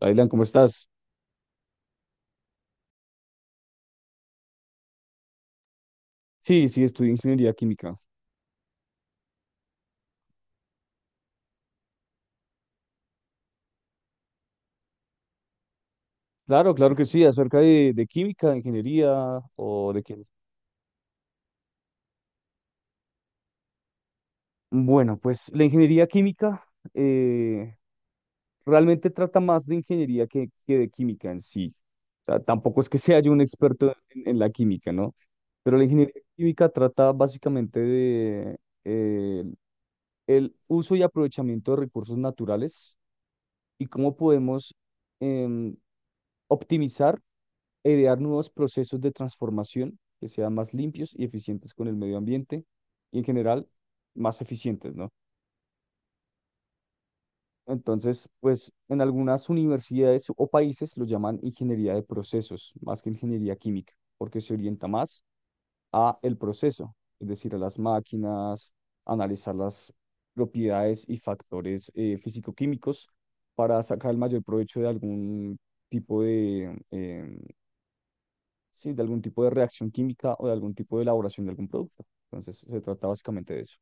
Dylan, ¿cómo estás? Sí, sí, estudié ingeniería química. Claro, claro que sí, acerca de química, de ingeniería o de qué. Bueno, pues la ingeniería química eh, realmente trata más de ingeniería que de química en sí. O sea, tampoco es que sea yo un experto en la química, ¿no? Pero la ingeniería química trata básicamente de eh, el uso y aprovechamiento de recursos naturales y cómo podemos em, optimizar e idear nuevos procesos de transformación que sean más limpios y eficientes con el medio ambiente y en general más eficientes, ¿no? Entonces, pues en algunas universidades o países lo llaman ingeniería de procesos, más que ingeniería química, porque se orienta más a el proceso, es decir, a las máquinas, analizar las propiedades y factores físico-químicos para sacar el mayor provecho de algún tipo de sí, de algún tipo de reacción química o de algún tipo de elaboración de algún producto. Entonces, se trata básicamente de eso.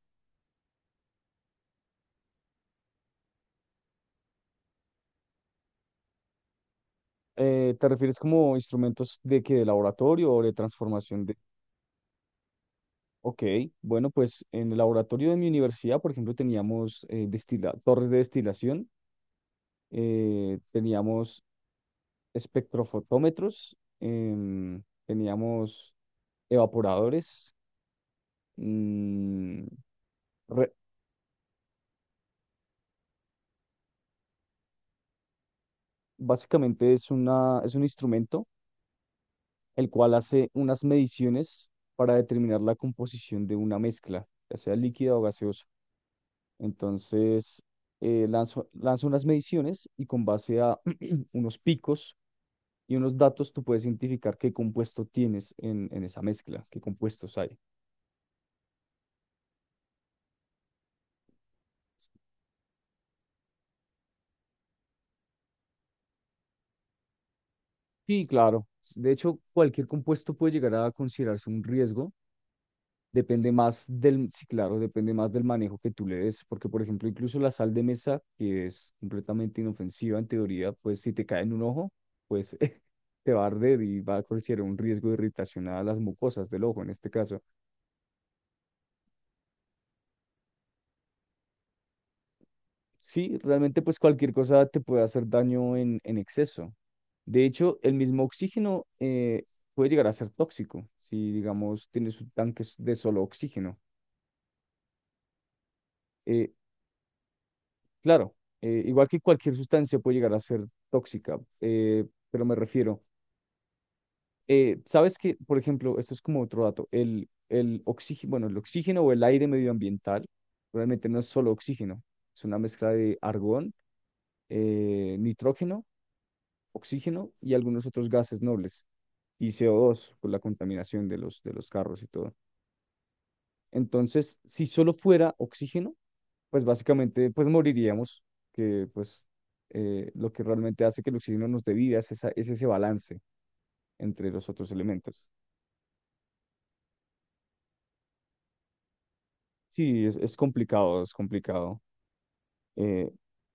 ¿Te refieres como instrumentos de que de laboratorio o de transformación de... Ok, bueno, pues en el laboratorio de mi universidad, por ejemplo, teníamos torres de destilación, teníamos espectrofotómetros, teníamos evaporadores. mm, re- Básicamente es un instrumento el cual hace unas mediciones para determinar la composición de una mezcla, ya sea líquida o gaseosa. Entonces, lanza unas mediciones y con base a unos picos y unos datos, tú puedes identificar qué compuesto tienes en esa mezcla, qué compuestos hay. Sí, claro. De hecho, cualquier compuesto puede llegar a considerarse un riesgo. Depende más del, sí, claro, depende más del manejo que tú le des, porque por ejemplo, incluso la sal de mesa, que es completamente inofensiva en teoría, pues si te cae en un ojo, pues te va a arder y va a considerar un riesgo de irritación a las mucosas del ojo en este caso. Sí, realmente pues cualquier cosa te puede hacer daño en exceso. De hecho, el mismo oxígeno puede llegar a ser tóxico si, digamos, tienes un tanque de solo oxígeno. Eh, Claro, igual que cualquier sustancia puede llegar a ser tóxica, pero me refiero, sabes que, por ejemplo, esto es como otro dato, el oxígeno, bueno, el oxígeno o el aire medioambiental realmente no es solo oxígeno, es una mezcla de argón, nitrógeno, oxígeno y algunos otros gases nobles y CO2 por la contaminación de los carros y todo. Entonces, si solo fuera oxígeno, pues básicamente pues moriríamos, que pues lo que realmente hace que el oxígeno nos dé vida es ese balance entre los otros elementos. Sí, es complicado, es complicado. Eh,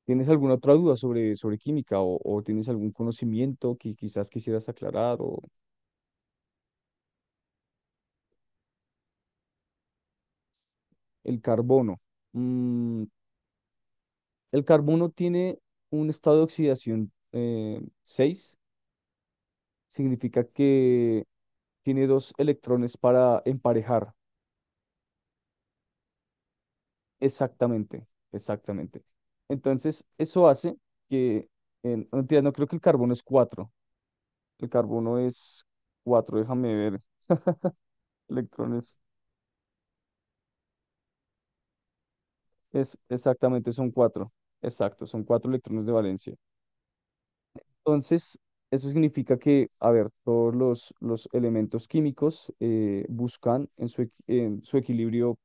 ¿Tienes alguna otra duda sobre, sobre química o tienes algún conocimiento que quizás quisieras aclarar? O el carbono. Mm, el carbono tiene un estado de oxidación seis, significa que tiene dos electrones para emparejar. Exactamente, exactamente. Entonces, eso hace que, en, no, mentira, no creo que el carbono es 4, el carbono es 4. Déjame ver, electrones, es exactamente, son 4, exacto, son 4 electrones de valencia. Entonces, eso significa que, a ver, todos los elementos químicos buscan en en su equilibrio,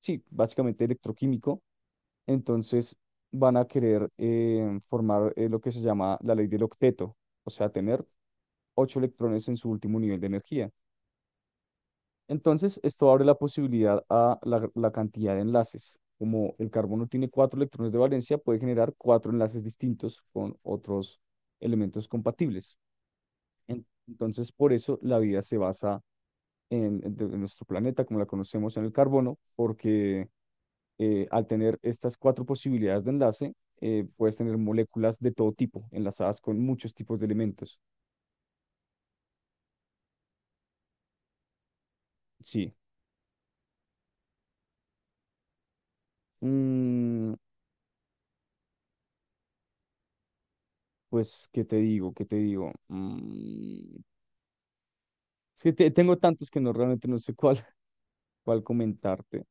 sí, básicamente electroquímico, entonces van a querer formar lo que se llama la ley del octeto, o sea, tener 8 electrones en su último nivel de energía. Entonces, esto abre la posibilidad a la cantidad de enlaces. Como el carbono tiene 4 electrones de valencia, puede generar 4 enlaces distintos con otros elementos compatibles. Entonces, por eso la vida se basa en nuestro planeta, como la conocemos, en el carbono, porque al tener estas cuatro posibilidades de enlace, puedes tener moléculas de todo tipo, enlazadas con muchos tipos de elementos. Sí. Mm, pues ¿qué te digo? ¿Qué te digo? Mm, es que tengo tantos que no realmente no sé cuál, cuál comentarte.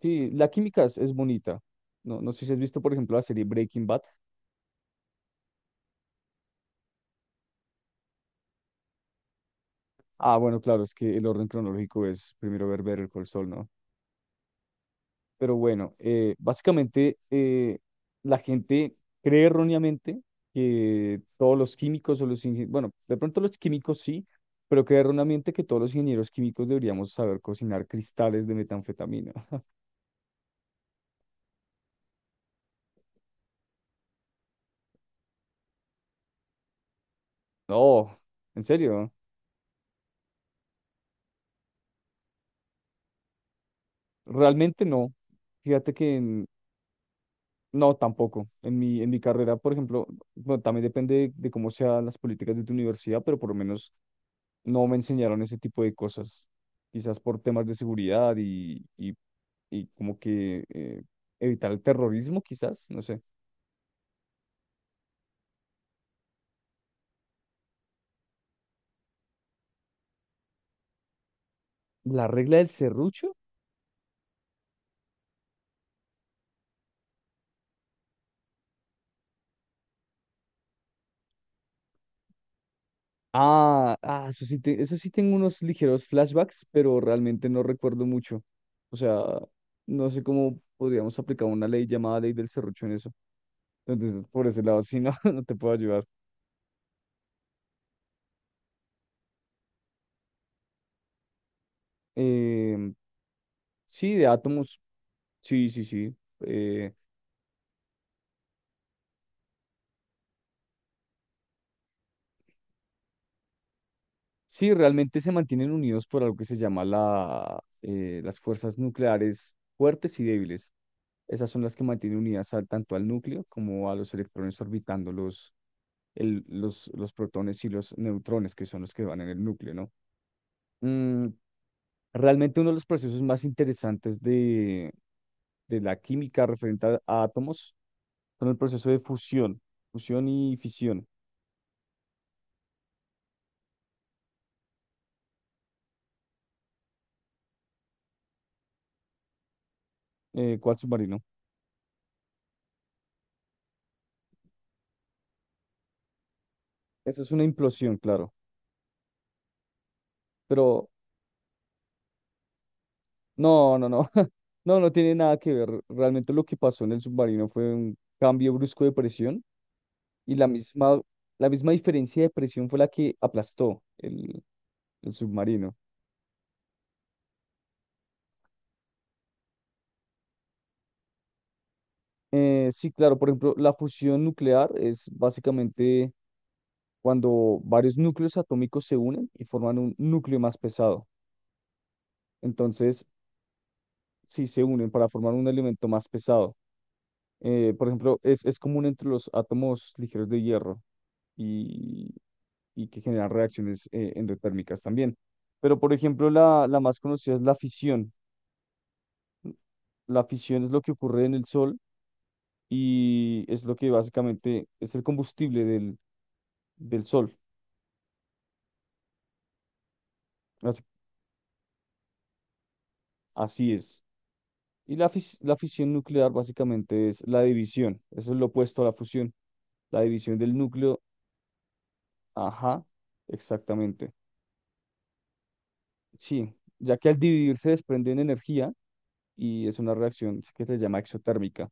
Sí, la química es bonita. No, no sé si has visto, por ejemplo, la serie Breaking Bad. Ah, bueno, claro, es que el orden cronológico es primero ver Better Call Saul, ¿no? Pero bueno, básicamente la gente cree erróneamente que todos los químicos o los ingenieros, bueno, de pronto los químicos sí, pero cree erróneamente que todos los ingenieros químicos deberíamos saber cocinar cristales de metanfetamina. No, en serio, realmente no. Fíjate que no, tampoco. En en mi carrera, por ejemplo, bueno, también depende de cómo sean las políticas de tu universidad, pero por lo menos no me enseñaron ese tipo de cosas. Quizás por temas de seguridad y como que evitar el terrorismo, quizás, no sé. La regla del serrucho. Ah, ah, eso sí, eso sí tengo unos ligeros flashbacks, pero realmente no recuerdo mucho. O sea, no sé cómo podríamos aplicar una ley llamada ley del serrucho en eso. Entonces, por ese lado, sí, no, no te puedo ayudar. Em, sí, de átomos, sí, sí, sí. Eh, sí, realmente se mantienen unidos por algo que se llama las fuerzas nucleares fuertes y débiles. Esas son las que mantienen unidas tanto al núcleo como a los electrones orbitándolos, los protones y los neutrones, que son los que van en el núcleo, ¿no? Mm, realmente uno de los procesos más interesantes de la química referente a átomos son el proceso de fusión, fusión y fisión, cual submarino. Eso es una implosión, claro, pero no, no, no, no, no tiene nada que ver. Realmente lo que pasó en el submarino fue un cambio brusco de presión y la misma diferencia de presión fue la que aplastó el submarino. Sí, claro, por ejemplo, la fusión nuclear es básicamente cuando varios núcleos atómicos se unen y forman un núcleo más pesado. Entonces, sí se unen para formar un elemento más pesado. Por ejemplo, es común entre los átomos ligeros de hierro y, y que generan reacciones endotérmicas también. Pero, por ejemplo, la más conocida es la fisión. La fisión es lo que ocurre en el Sol y es lo que básicamente es el combustible del, del Sol. Así es. Y la fisión nuclear básicamente es la división. Eso es lo opuesto a la fusión. La división del núcleo. Ajá, exactamente. Sí, ya que al dividirse desprenden energía y es una reacción que se llama exotérmica.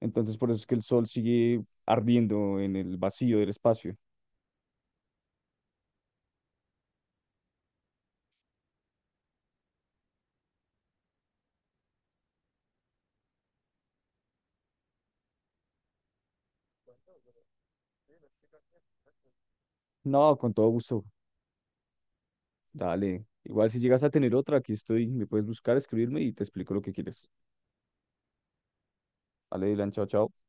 Entonces por eso es que el sol sigue ardiendo en el vacío del espacio. No, con todo gusto. Dale. Igual si llegas a tener otra, aquí estoy. Me puedes buscar, escribirme y te explico lo que quieres. Dale, Dylan, chao, chao.